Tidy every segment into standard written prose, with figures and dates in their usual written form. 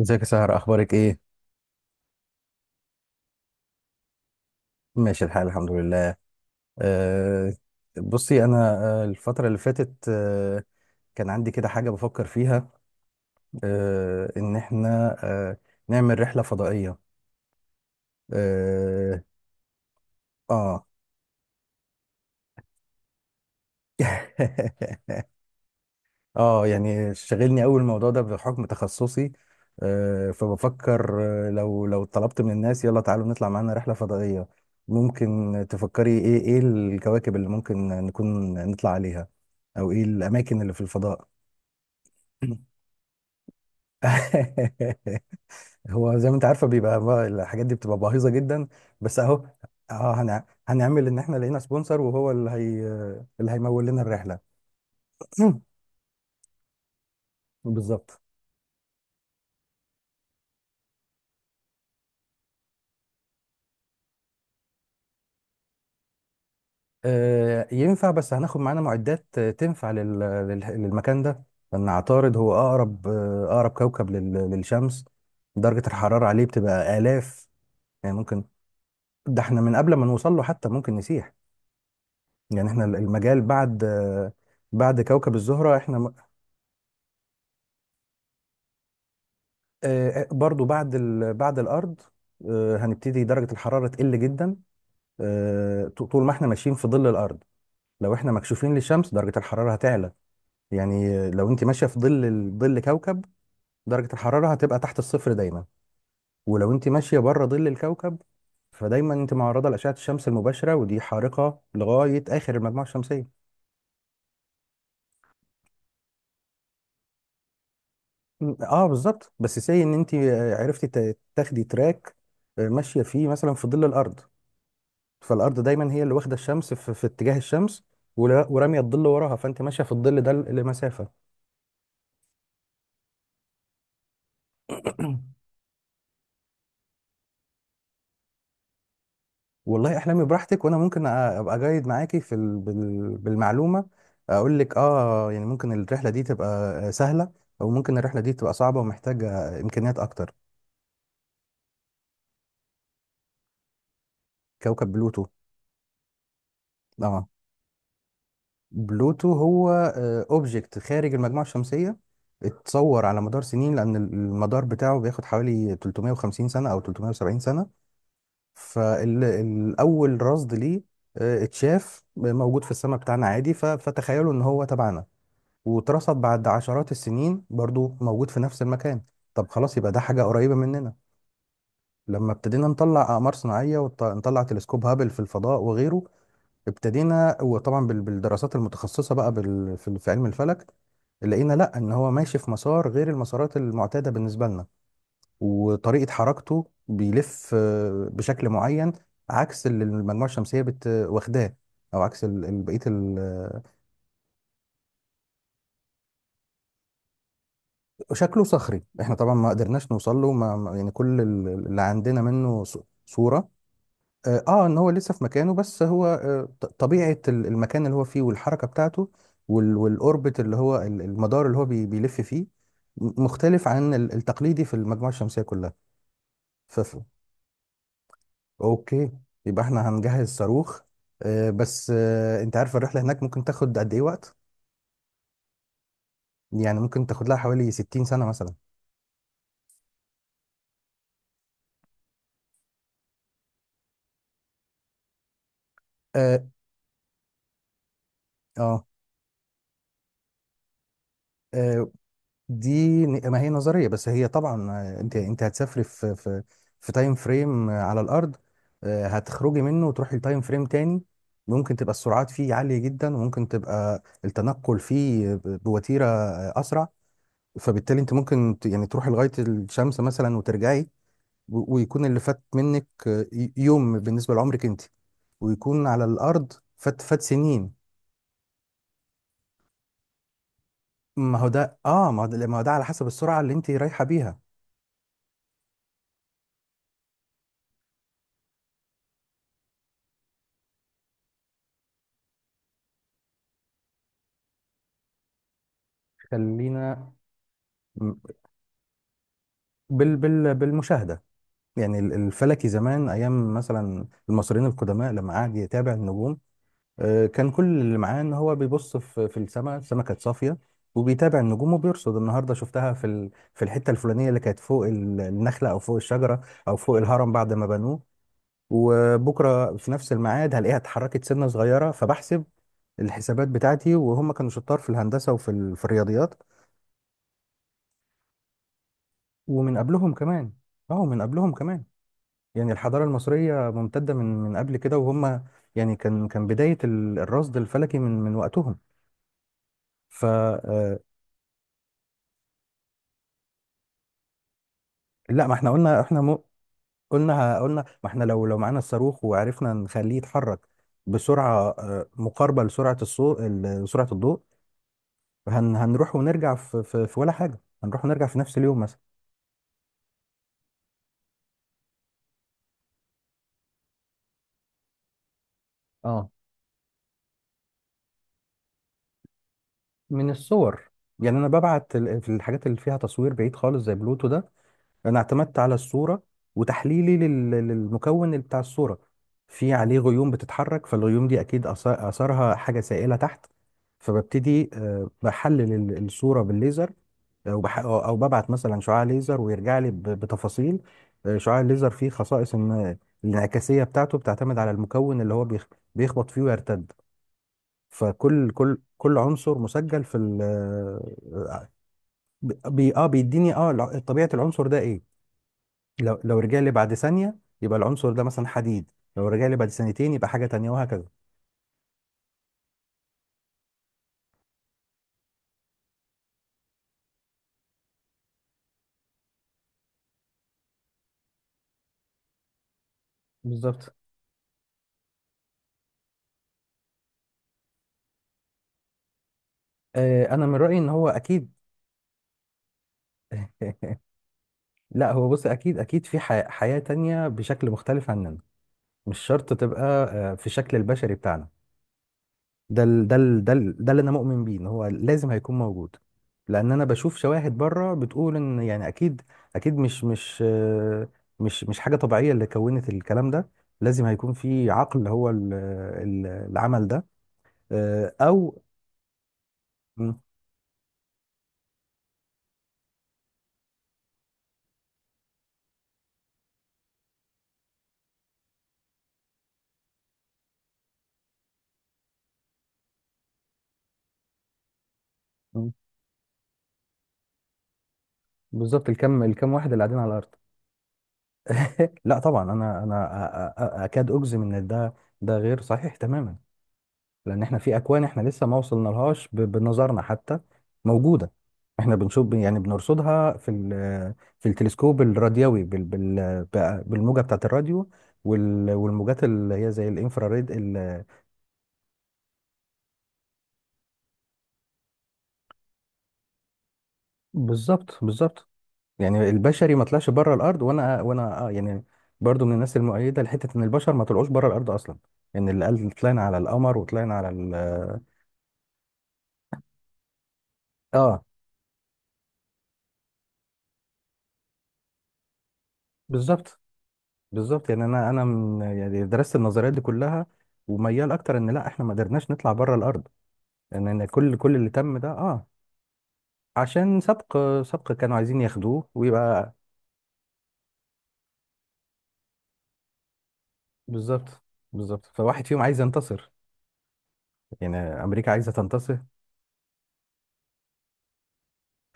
ازيك يا سهر، اخبارك ايه؟ ماشي الحال، الحمد لله. أه بصي انا. الفتره اللي فاتت، كان عندي كده حاجه بفكر فيها، ان احنا نعمل رحله فضائيه. اه, آه. اه يعني شاغلني قوي الموضوع ده بحكم تخصصي. فبفكر، لو طلبت من الناس يلا تعالوا نطلع معانا رحلة فضائية، ممكن تفكري ايه الكواكب اللي ممكن نكون نطلع عليها، او ايه الاماكن اللي في الفضاء؟ هو زي ما انت عارفه بيبقى بقى الحاجات دي بتبقى باهظه جدا، بس اهو. اه هنعمل ان احنا لقينا سبونسر وهو اللي هي اللي هيمول لنا الرحله. بالظبط. ينفع، بس هناخد معانا معدات تنفع للمكان ده، لأن عطارد هو أقرب، أقرب كوكب للشمس. درجة الحرارة عليه بتبقى آلاف. يعني ممكن، ده احنا من قبل ما نوصل له حتى ممكن نسيح. يعني احنا المجال بعد بعد كوكب الزهرة احنا برضو بعد بعد الأرض هنبتدي درجة الحرارة تقل جدا. طول ما احنا ماشيين في ظل الأرض، لو احنا مكشوفين للشمس درجة الحرارة هتعلى. يعني لو انت ماشيه في ظل ظل كوكب، درجه الحراره هتبقى تحت الصفر دايما. ولو انت ماشيه بره ظل الكوكب فدايما انت معرضه لاشعه الشمس المباشره، ودي حارقه لغايه اخر المجموعه الشمسيه. اه بالظبط. بس سي ان انت عرفتي تاخدي تراك ماشيه فيه مثلا في ظل الارض، فالارض دايما هي اللي واخده الشمس في اتجاه الشمس، وراميه الظل وراها، فانت ماشيه في الظل ده لمسافه. والله احلامي براحتك، وانا ممكن ابقى جايد معاكي في ال... بال... بالمعلومه، اقول لك اه. يعني ممكن الرحله دي تبقى سهله، او ممكن الرحله دي تبقى صعبه ومحتاجه امكانيات اكتر. كوكب بلوتو. اه. بلوتو هو اوبجكت خارج المجموعه الشمسيه، اتصور على مدار سنين لان المدار بتاعه بياخد حوالي 350 سنه او 370 سنه. فالاول رصد ليه، اتشاف موجود في السماء بتاعنا عادي، ف... فتخيلوا ان هو تبعنا واترصد بعد عشرات السنين برضو موجود في نفس المكان. طب خلاص يبقى ده حاجة قريبة مننا. لما ابتدينا نطلع أقمار صناعية ونطلع تلسكوب هابل في الفضاء وغيره ابتدينا، وطبعا بالدراسات المتخصصة بقى في علم الفلك، لقينا لا ان هو ماشي في مسار غير المسارات المعتاده بالنسبه لنا. وطريقه حركته بيلف بشكل معين عكس اللي المجموعه الشمسيه واخداه، او عكس بقيه. شكله صخري. احنا طبعا ما قدرناش نوصل له، يعني كل اللي عندنا منه صورة. اه ان هو لسه في مكانه، بس هو طبيعة المكان اللي هو فيه والحركة بتاعته والاوربت اللي هو المدار اللي هو بيلف فيه مختلف عن التقليدي في المجموعة الشمسية كلها. فف اوكي، يبقى احنا هنجهز صاروخ، بس انت عارف الرحلة هناك ممكن تاخد قد ايه وقت؟ يعني ممكن تاخد لها حوالي 60 سنة مثلا. اه اه. آه، دي ما هي نظريه، بس هي طبعا انت هتسافري في تايم فريم على الارض، هتخرجي منه وتروحي لتايم فريم تاني ممكن تبقى السرعات فيه عاليه جدا، وممكن تبقى التنقل فيه بوتيره اسرع. فبالتالي انت ممكن يعني تروحي لغايه الشمس مثلا وترجعي، ويكون اللي فات منك يوم بالنسبه لعمرك انت، ويكون على الارض فات سنين. ما هو ده اه، ما هو ده على حسب السرعه اللي انت رايحه بيها. خلينا بالمشاهده. يعني الفلكي زمان، ايام مثلا المصريين القدماء لما قعد يتابع النجوم، كان كل اللي معاه ان هو بيبص في السماء، السماء كانت صافيه وبيتابع النجوم وبيرصد، النهارده شفتها في في الحته الفلانيه اللي كانت فوق النخله او فوق الشجره او فوق الهرم بعد ما بنوه، وبكره في نفس الميعاد هلاقيها اتحركت سنه صغيره، فبحسب الحسابات بتاعتي. وهم كانوا شطار في الهندسه وفي في الرياضيات. ومن قبلهم كمان، اه من قبلهم كمان. يعني الحضارة المصرية ممتدة من قبل كده، وهم يعني كان بداية الرصد الفلكي من وقتهم. ف آه، لا ما احنا قلنا احنا مو، قلنا ما احنا لو معانا الصاروخ وعرفنا نخليه يتحرك بسرعة مقاربة لسرعة الصوت، سرعة الضوء، هنروح ونرجع في في في ولا حاجة، هنروح ونرجع في نفس اليوم مثلا. اه. من الصور. يعني انا ببعت في الحاجات اللي فيها تصوير بعيد خالص زي بلوتو ده انا اعتمدت على الصوره، وتحليلي للمكون اللي بتاع الصوره. في عليه غيوم بتتحرك، فالغيوم دي اكيد اثرها حاجه سائله تحت. فببتدي بحلل الصوره بالليزر، او بح- او أو ببعت مثلا شعاع ليزر، ويرجع لي بتفاصيل. شعاع الليزر فيه خصائص ان الانعكاسيه بتاعته بتعتمد على المكون اللي هو بيخبط فيه ويرتد. فكل كل كل عنصر مسجل في ال. بي اه، بيديني اه طبيعه العنصر ده ايه. لو رجع لي بعد ثانية يبقى العنصر ده مثلا حديد، لو رجع لي بعد ثانيتين يبقى حاجة تانية، وهكذا. بالظبط. انا من رأيي ان هو اكيد. لا هو بص، اكيد اكيد في حياة تانية بشكل مختلف عننا، مش شرط تبقى في الشكل البشري بتاعنا. ده اللي انا مؤمن بيه ان هو لازم هيكون موجود. لان انا بشوف شواهد بره بتقول ان يعني اكيد، اكيد مش مش حاجة طبيعية اللي كونت الكلام ده. لازم هيكون في عقل هو ال- العمل ده، او م- م- بالظبط. الكم واحد اللي قاعدين على الارض. لا طبعا انا اكاد اجزم ان ده غير صحيح تماما. لان احنا في اكوان احنا لسه ما وصلنا لهاش بنظرنا حتى. موجوده. احنا بنشوف يعني بنرصدها في التلسكوب الراديوي بالموجه بتاعه الراديو والموجات اللي هي زي الانفراريد بالظبط بالظبط. يعني البشري ما طلعش بره الارض، وانا آه يعني برضو من الناس المؤيده لحته ان البشر ما طلعوش بره الارض اصلا. ان اللي قال طلعنا على القمر وطلعنا على ال، اه بالظبط بالظبط. يعني انا من، يعني درست النظريات دي كلها وميال اكتر ان لا احنا ما قدرناش نطلع بره الارض، يعني ان كل اللي تم ده اه. عشان سبق، سبق كانوا عايزين ياخدوه ويبقى. بالظبط بالظبط، فواحد فيهم عايز ينتصر. يعني امريكا عايزه تنتصر.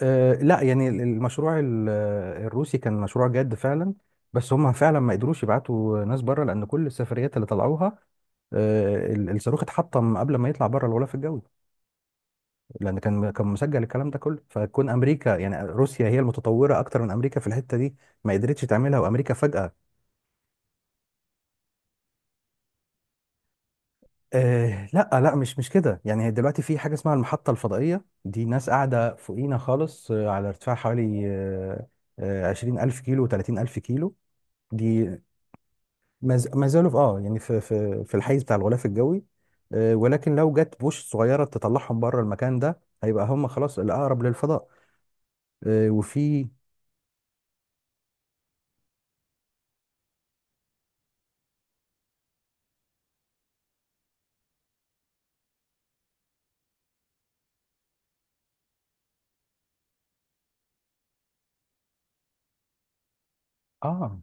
آه لا، يعني المشروع الروسي كان مشروع جاد فعلا، بس هم فعلا ما قدروش يبعتوا ناس بره لان كل السفريات اللي طلعوها الصاروخ اتحطم قبل ما يطلع بره الغلاف الجوي. لان كان مسجل الكلام ده كله، فكون امريكا يعني روسيا هي المتطوره اكتر من امريكا في الحته دي ما قدرتش تعملها، وامريكا فجاه. آه لا لا مش كده. يعني دلوقتي في حاجه اسمها المحطه الفضائيه، دي ناس قاعده فوقينا خالص على ارتفاع حوالي آه آه، 20000 كيلو، 30000 كيلو. دي ما زالوا في اه يعني في الحيز بتاع الغلاف الجوي، ولكن لو جت بوش صغيره تطلعهم بره المكان ده هيبقى هم خلاص الاقرب للفضاء. وفي اه،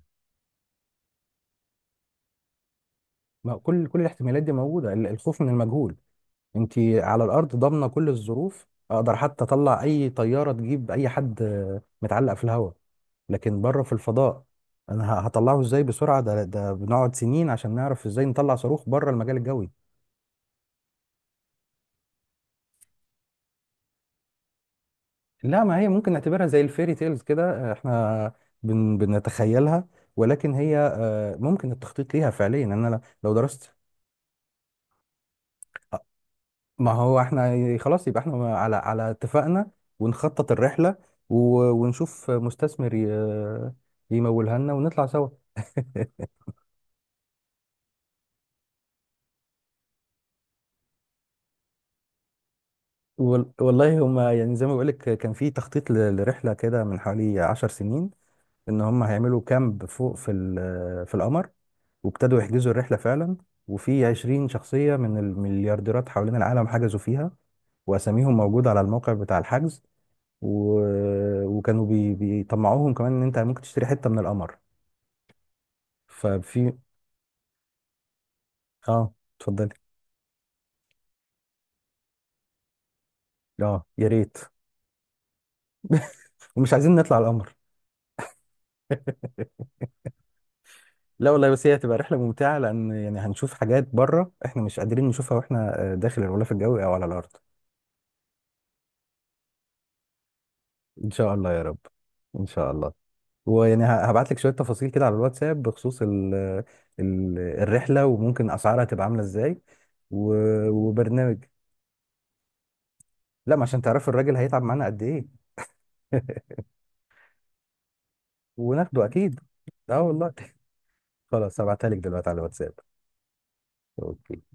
ما كل كل الاحتمالات دي موجوده، الخوف من المجهول. انت على الارض ضامنه كل الظروف، اقدر حتى اطلع اي طياره تجيب اي حد متعلق في الهواء. لكن بره في الفضاء انا هطلعه ازاي بسرعه؟ ده بنقعد سنين عشان نعرف ازاي نطلع صاروخ بره المجال الجوي. لا ما هي ممكن نعتبرها زي الفيري تيلز كده. احنا بنتخيلها، ولكن هي ممكن التخطيط ليها فعليا. يعني انا لو درست. آه، ما هو احنا خلاص يبقى احنا على اتفاقنا، ونخطط الرحلة، ونشوف مستثمر يمولها لنا ونطلع سوا. والله هما يعني زي ما بقولك كان في تخطيط لرحلة كده من حوالي 10 سنين ان هم هيعملوا كامب فوق في في القمر، وابتدوا يحجزوا الرحلة فعلا، وفي 20 شخصية من المليارديرات حوالين العالم حجزوا فيها وأساميهم موجودة على الموقع بتاع الحجز و... وكانوا بي... بيطمعوهم كمان إن أنت ممكن تشتري حتة من القمر. ففي آه، اتفضلي. آه يا ريت. ومش عايزين نطلع القمر. لا والله، بس هي هتبقى رحلة ممتعة لأن يعني هنشوف حاجات بره إحنا مش قادرين نشوفها وإحنا داخل الغلاف الجوي أو على الأرض. إن شاء الله يا رب، إن شاء الله. ويعني هبعت لك شويه تفاصيل كده على الواتساب بخصوص ال ال الرحله وممكن اسعارها تبقى عامله ازاي وبرنامج. لا، ما عشان تعرفي الراجل هيتعب معانا قد ايه. وناخده اكيد، اه والله. خلاص هبعتها لك دلوقتي على الواتساب. اوكي.